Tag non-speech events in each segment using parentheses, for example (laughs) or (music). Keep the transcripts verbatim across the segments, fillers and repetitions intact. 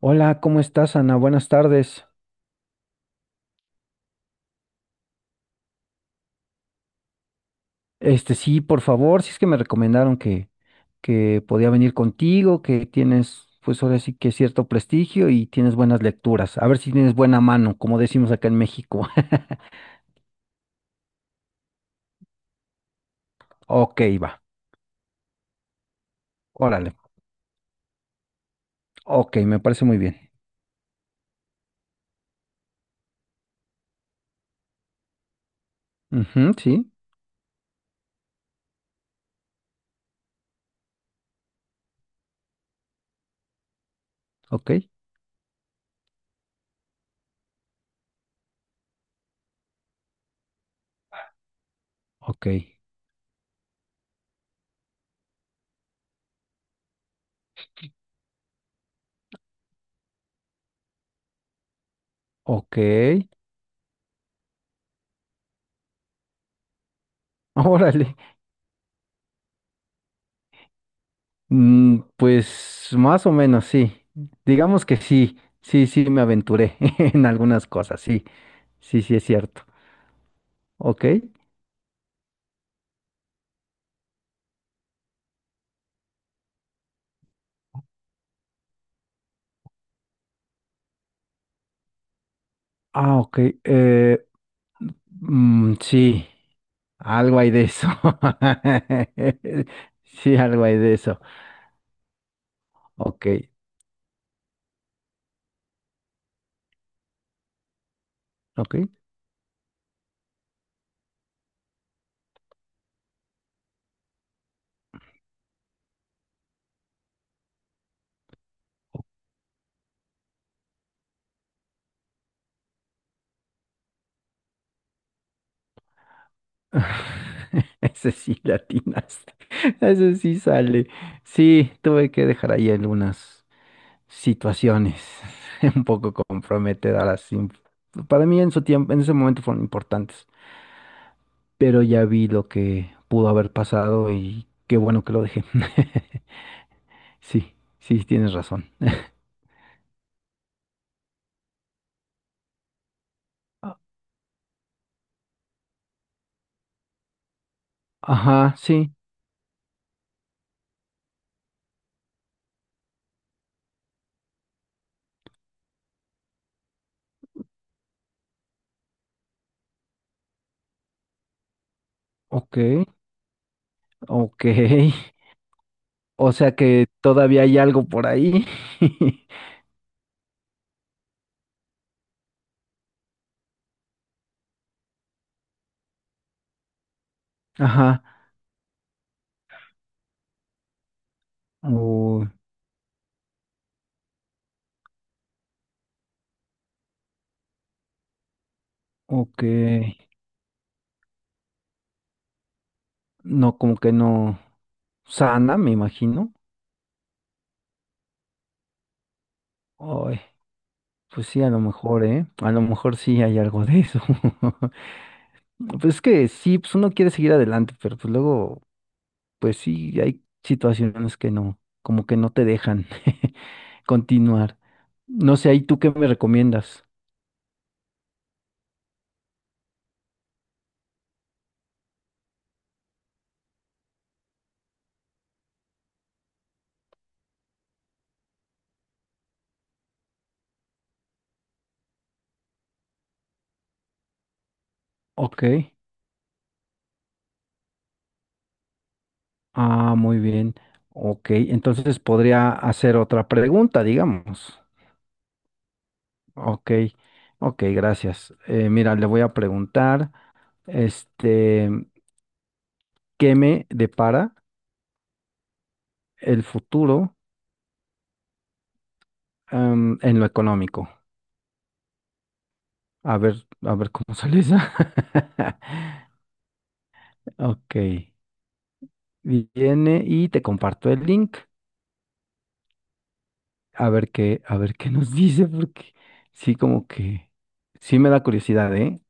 Hola, ¿cómo estás, Ana? Buenas tardes. Este, sí, por favor, si es que me recomendaron que, que podía venir contigo, que tienes, pues ahora sí que cierto prestigio y tienes buenas lecturas. A ver si tienes buena mano, como decimos acá en México. (laughs) Ok, va. Órale. Ok, me parece muy bien. Ujú, sí, ok, ok, ok. (laughs) Órale. Mm, pues más o menos, sí. Digamos que sí, sí, sí, me aventuré (laughs) en algunas cosas, sí, sí, sí, es cierto. Ok. Ah, ok. Eh, mm, sí, algo hay de eso. (laughs) Sí, algo hay de eso. Ok, ok. (laughs) Ese sí latinas. (laughs) Ese sí sale. Sí, tuve que dejar ahí algunas situaciones (laughs) un poco comprometedoras. im- Para mí en su tiempo, en ese momento fueron importantes, pero ya vi lo que pudo haber pasado y qué bueno que lo dejé. (laughs) Sí, sí, tienes razón. Ajá, sí, ok, ok. (laughs) O sea que todavía hay algo por ahí. (laughs) Ajá, uy, ok. No, como que no sana, me imagino. Ay, pues sí, a lo mejor, ¿eh? A lo mejor sí hay algo de eso. (laughs) Pues es que sí, pues uno quiere seguir adelante, pero pues luego, pues sí, hay situaciones que no, como que no te dejan (laughs) continuar. No sé, ahí tú qué me recomiendas. Ok. Ah, muy bien. Ok, entonces podría hacer otra pregunta, digamos. Ok, ok, gracias. Eh, mira, le voy a preguntar, este, ¿qué me depara el futuro, em, en lo económico? A ver, a ver cómo sale esa. (laughs) Ok, viene y te comparto el link. A ver qué, a ver qué nos (laughs) dice, porque sí, como que sí me da curiosidad, ¿eh?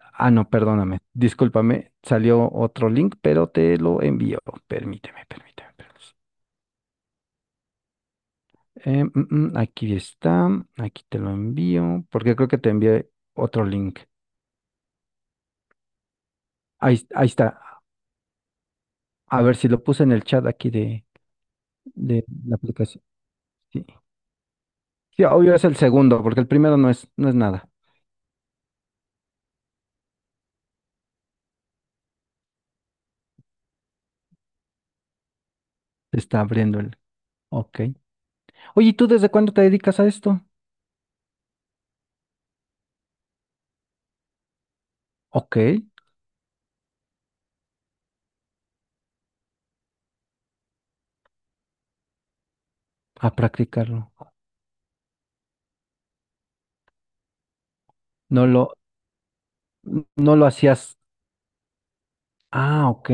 Ah, no, perdóname, discúlpame, salió otro link, pero te lo envío. Permíteme, permíteme. permíteme. Eh, mm, mm, aquí está, aquí te lo envío, porque creo que te envié otro link. Ahí, ahí está. A ver si lo puse en el chat aquí de, de, la aplicación. Sí. Sí, obvio es el segundo, porque el primero no es, no es nada. Se está abriendo el. Ok. Oye, ¿y tú desde cuándo te dedicas a esto? Ok, a practicarlo. No lo, no lo hacías. Ah, ok.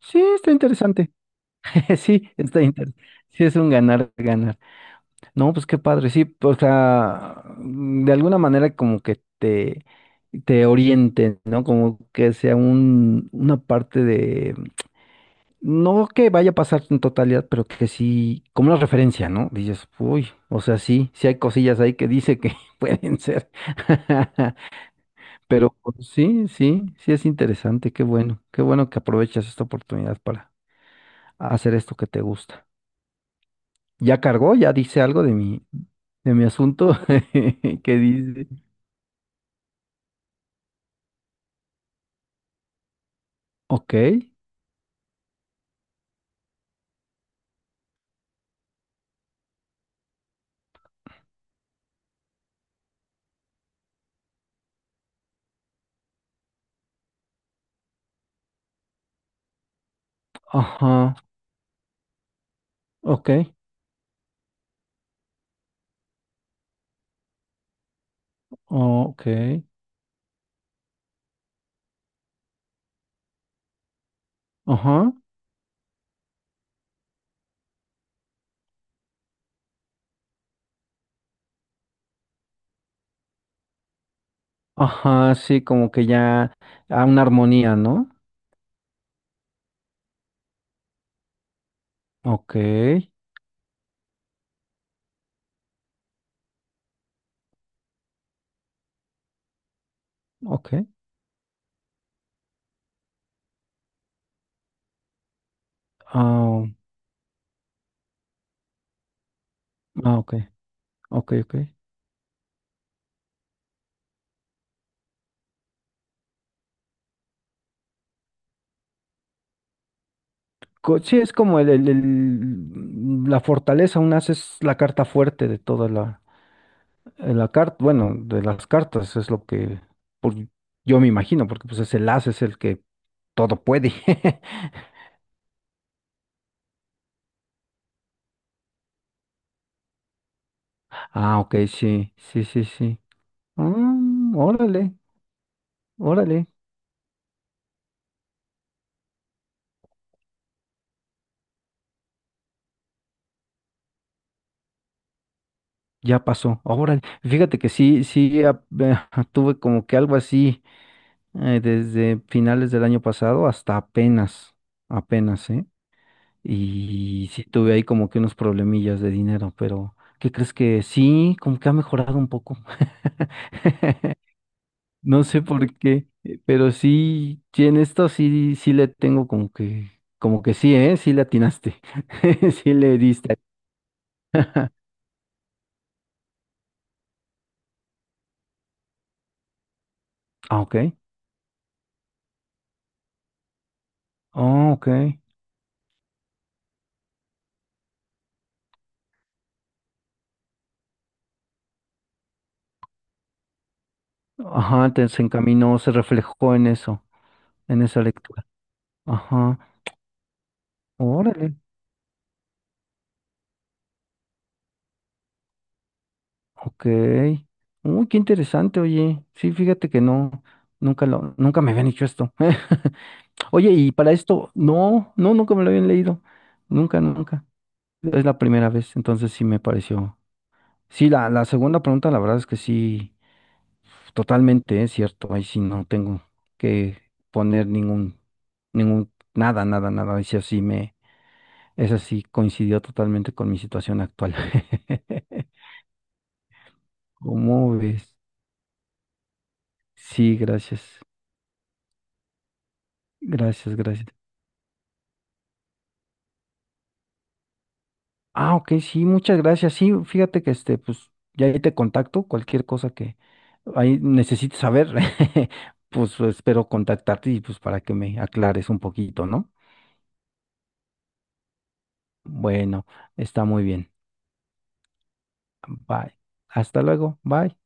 Sí, está interesante. (laughs) Sí, está interesante. Sí, es un ganar, ganar. No, pues qué padre, sí, pues, o sea, mm, de alguna manera como que te, te orienten, ¿no? Como que sea un, una parte de, no que vaya a pasar en totalidad, pero que sí, como una referencia, ¿no? Dices, uy, o sea, sí, sí hay cosillas ahí que dice que (laughs) pueden ser. (laughs) Pero pues, sí, sí, sí es interesante, qué bueno, qué bueno que aprovechas esta oportunidad para hacer esto que te gusta. Ya cargó, ya dice algo de mi, de mi asunto. (laughs) ¿Qué dice? Ok, ajá, ok, ok, ajá, ajá, sí, como que ya a una armonía, ¿no? Ok, ok, ah, ah, ok, ok, ok. Co- Sí, es como el, el- el- la fortaleza, una es la carta fuerte de toda la, en la carta, bueno, de las cartas es lo que por- yo me imagino, porque pues es el as, es el que todo puede. (laughs) Ah, ok, sí, sí, sí, sí. Mm, órale, órale, ya pasó, órale. Fíjate que sí, sí, ah, eh, (laughs) tuve como que algo así eh, desde finales del año pasado hasta apenas, apenas, ¿eh? Y sí tuve ahí como que unos problemillas de dinero, pero ¿qué crees que sí? Como que ha mejorado un poco. (laughs) No sé por qué, eh, pero sí, sí, en esto sí, sí le tengo como que, como que sí, ¿eh? Sí le atinaste. (laughs) Sí le diste. Ah, ok. Ah, ok. Ajá, te, se encaminó, se reflejó en eso, en esa lectura. Ajá. Órale. Ok. Uy, qué interesante, oye. Sí, fíjate que no, nunca lo, nunca me habían dicho esto. (laughs) Oye, y para esto, no, no, nunca me lo habían leído. Nunca, nunca. Es la primera vez, entonces sí me pareció. Sí, la, la segunda pregunta, la verdad es que sí, totalmente es cierto. Ahí sí no tengo que poner ningún, ningún, nada, nada, nada. Ahí sí así me, esa sí coincidió totalmente con mi situación actual. (laughs) ¿Cómo ves? Sí, gracias. Gracias, gracias. Ah, ok, sí, muchas gracias. Sí, fíjate que este, pues, ya ahí te contacto, cualquier cosa que ahí necesites saber, (laughs) pues espero contactarte y pues para que me aclares un poquito, ¿no? Bueno, está muy bien. Bye. Hasta luego. Bye.